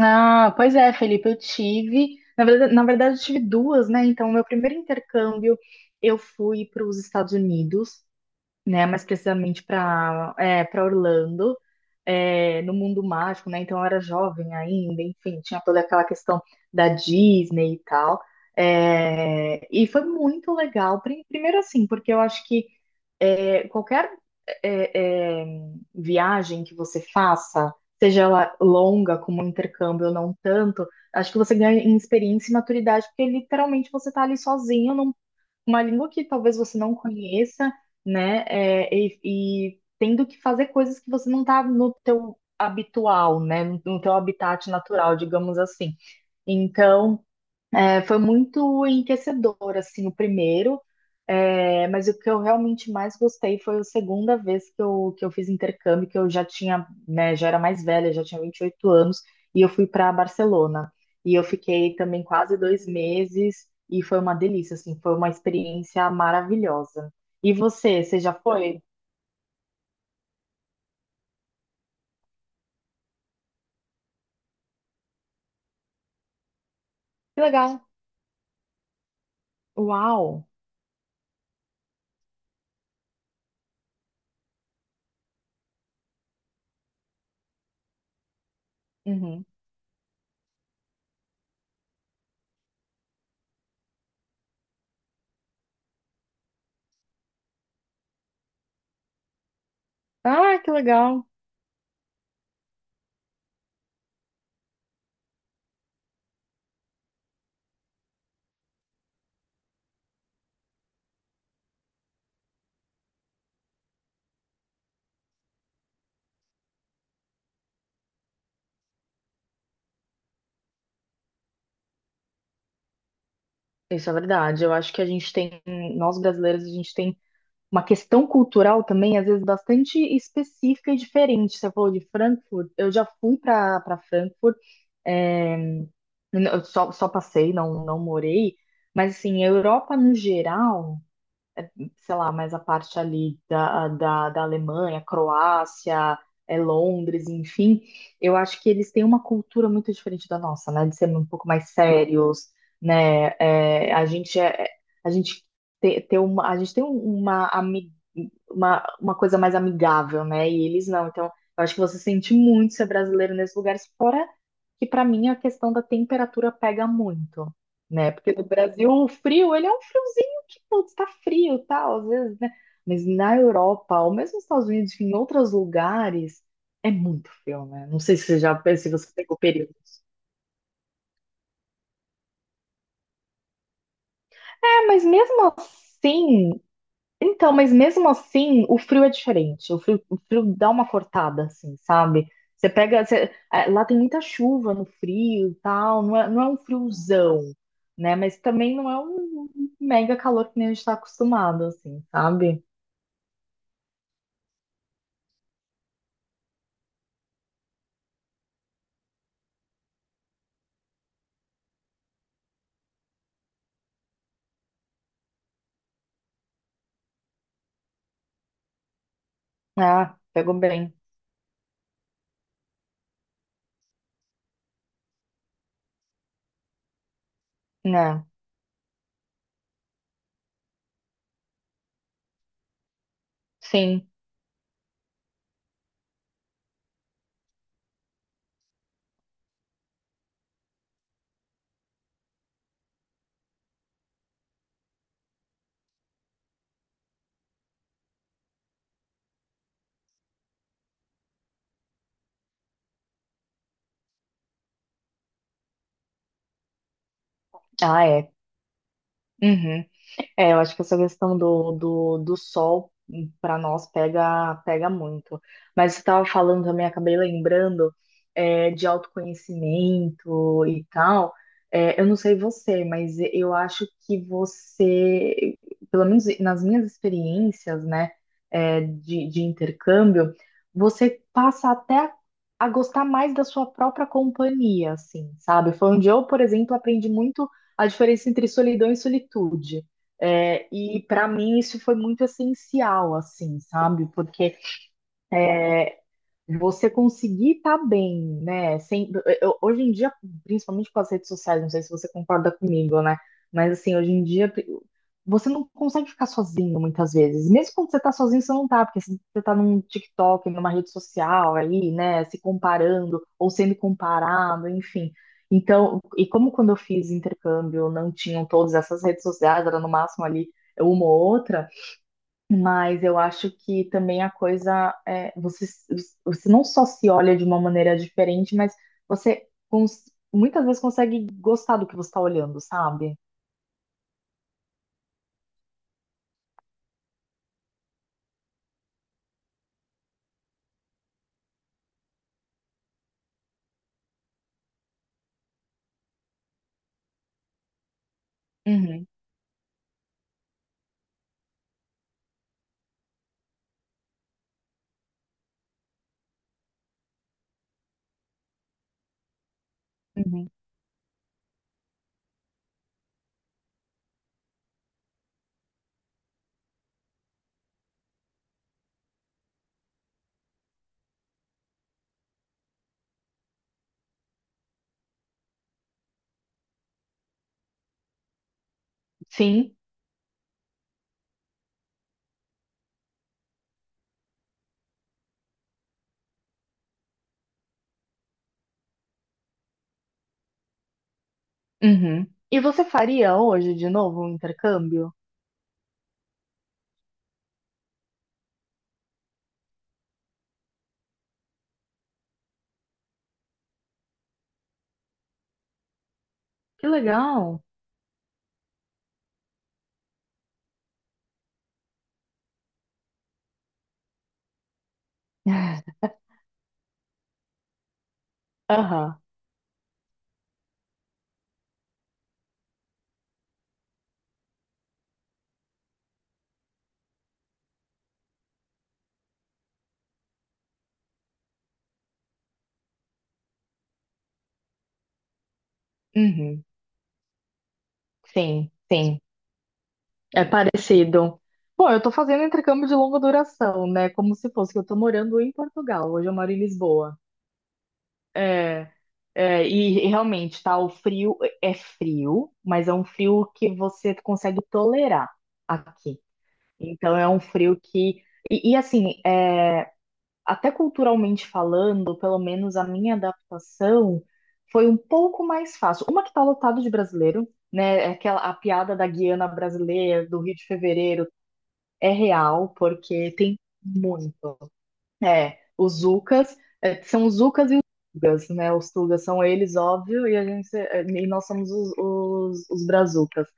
Ah, pois é, Felipe, eu tive, na verdade, eu tive duas, né? Então, meu primeiro intercâmbio, eu fui para os Estados Unidos, né? Mais precisamente para Orlando, no mundo mágico, né? Então, eu era jovem ainda, enfim, tinha toda aquela questão da Disney e tal. E foi muito legal, primeiro assim, porque eu acho que qualquer é, é, viagem que você faça, seja ela longa, como um intercâmbio ou não tanto, acho que você ganha em experiência e maturidade, porque literalmente você está ali sozinho, numa língua que talvez você não conheça, né? E tendo que fazer coisas que você não está no teu habitual, né? No teu habitat natural, digamos assim. Então. Foi muito enriquecedor, assim, o primeiro, mas o que eu realmente mais gostei foi a segunda vez que eu fiz intercâmbio, que eu já tinha, né, já era mais velha, já tinha 28 anos, e eu fui para Barcelona. E eu fiquei também quase dois meses, e foi uma delícia, assim, foi uma experiência maravilhosa. E você já foi? Que legal! Uau! Uhum. Ah, que legal! Isso é verdade. Eu acho que a gente tem, nós brasileiros, a gente tem uma questão cultural também, às vezes, bastante específica e diferente. Você falou de Frankfurt, eu já fui para Frankfurt, é, eu só, só passei, não, não morei, mas assim, a Europa no geral sei lá, mais a parte ali da Alemanha, Croácia, Londres, enfim, eu acho que eles têm uma cultura muito diferente da nossa, né? De ser um pouco mais sérios, né? A gente tem uma, a gente tem uma, ami- uma coisa mais amigável, né? E eles não. Então, eu acho que você sente muito ser brasileiro nesses lugares, fora que para mim a questão da temperatura pega muito, né? Porque no Brasil o frio, ele é um frio que putz, tá frio, e tal, às vezes, né? Mas na Europa, ou mesmo nos Estados Unidos, enfim, em outros lugares, é muito frio, né? Não sei se se você pegou períodos. É, mas mesmo assim, mas mesmo assim, o frio é diferente. O frio dá uma cortada, assim, sabe? Você pega, você- é, lá tem muita chuva no frio e tal, não é um friozão, né? Mas também não é um mega calor que nem a gente tá acostumado, assim, sabe? Ah, pegou bem, né? Sim. Ah, é. Uhum. É, eu acho que essa questão do sol para nós pega, pega muito. Mas você estava falando também, acabei lembrando, de autoconhecimento e tal. Eu não sei você, mas eu acho que você, pelo menos nas minhas experiências, né, de intercâmbio, você passa até a gostar mais da sua própria companhia, assim, sabe? Foi onde eu, por exemplo, aprendi muito a diferença entre solidão e solitude. E para mim isso foi muito essencial, assim, sabe? Porque você conseguir estar bem, né? Sem, eu- hoje em dia, principalmente com as redes sociais, não sei se você concorda comigo, né? Mas assim, hoje em dia você não consegue ficar sozinho muitas vezes. Mesmo quando você tá sozinho, você não tá, porque se você tá num TikTok, numa rede social aí, né? Se comparando ou sendo comparado, enfim. Então, e como quando eu fiz intercâmbio, não tinham todas essas redes sociais, era no máximo ali uma ou outra. Mas eu acho que também a coisa é, você, você não só se olha de uma maneira diferente, mas você cons- muitas vezes consegue gostar do que você está olhando, sabe? Uhum, uhum. Sim. Uhum. E você faria hoje de novo um intercâmbio? Que legal. Aham. Uhum. Sim, sim. É parecido. Bom, eu tô fazendo intercâmbio de longa duração, né? Como se fosse que eu tô morando em Portugal. Hoje eu moro em Lisboa. É, e realmente, tá? O frio é frio, mas é um frio que você consegue tolerar aqui. Então, é um frio que. Assim, é, até culturalmente falando, pelo menos a minha adaptação foi um pouco mais fácil. Uma que tá lotado de brasileiro, né? Aquela, a piada da Guiana brasileira, do Rio de Fevereiro, é real, porque tem muito. É, os Zucas, é, são os Zucas e os Tugas, né? Os Tugas são eles, óbvio, e a gente, é, e nós somos os Brazucas.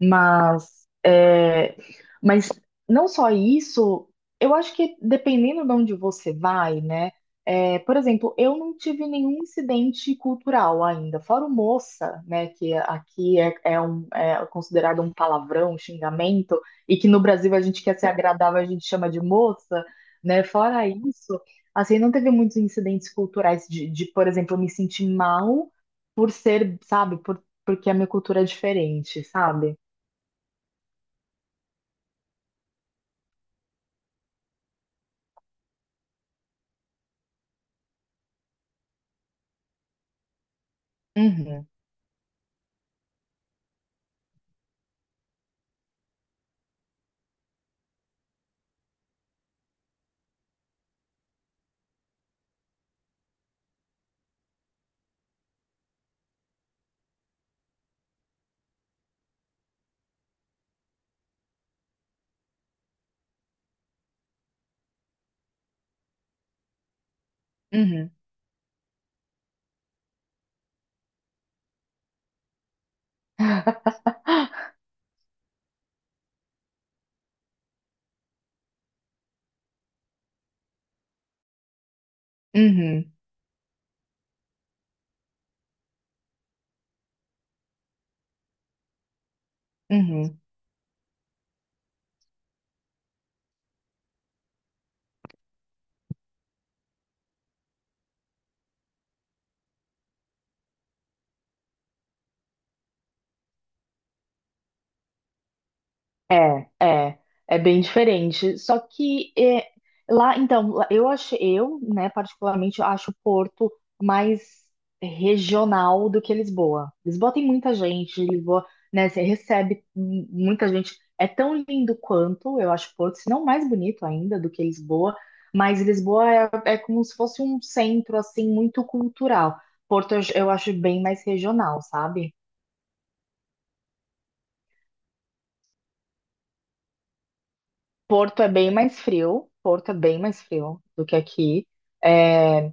Mas, é, mas não só isso, eu acho que dependendo de onde você vai, né? É, por exemplo, eu não tive nenhum incidente cultural ainda, fora o moça, né? Que aqui é considerado um palavrão, um xingamento, e que no Brasil a gente quer ser agradável, a gente chama de moça, né? Fora isso, assim, não teve muitos incidentes culturais de, por exemplo, eu me sentir mal por ser, sabe, por, porque a minha cultura é diferente, sabe? Uhum, uhum, uhum, uhum. É, é, é bem diferente. Só que é, lá- eu achei, eu, né, particularmente acho Porto mais regional do que Lisboa. Lisboa tem muita gente, Lisboa, né, você recebe muita gente. É tão lindo quanto, eu acho Porto, se não mais bonito ainda do que Lisboa, mas Lisboa é, é como se fosse um centro, assim, muito cultural. Porto eu acho bem mais regional, sabe? Porto é bem mais frio, Porto é bem mais frio do que aqui. É,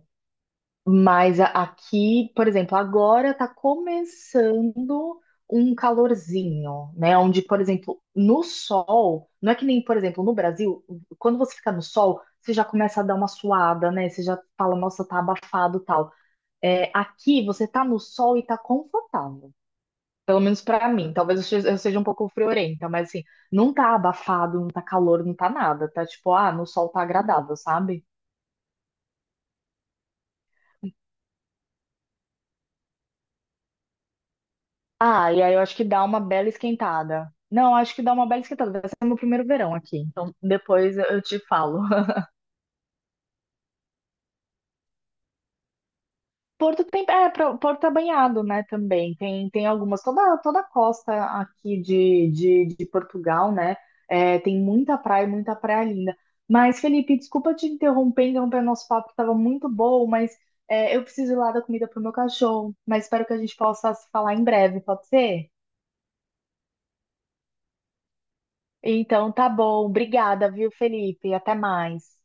mas a- aqui, por exemplo, agora tá começando um calorzinho, né? Onde, por exemplo, no sol, não é que nem, por exemplo, no Brasil, quando você fica no sol, você já começa a dar uma suada, né? Você já fala, nossa, tá abafado, tal. É, aqui você tá no sol e tá confortável. Pelo menos pra mim. Talvez eu seja um pouco friorenta, mas assim, não tá abafado, não tá calor, não tá nada. Tá tipo, ah, no sol tá agradável, sabe? Ah, e aí eu acho que dá uma bela esquentada. Não, acho que dá uma bela esquentada. Vai ser meu primeiro verão aqui. Então depois eu te falo. Porto é banhado, né, também. Tem, tem algumas, toda a costa aqui de Portugal, né, é, tem muita praia linda. Mas, Felipe, desculpa te interromper, interromper nosso papo, que tava muito bom, mas é, eu preciso ir lá dar comida pro meu cachorro. Mas espero que a gente possa se falar em breve, pode ser? Então, tá bom. Obrigada, viu, Felipe? Até mais.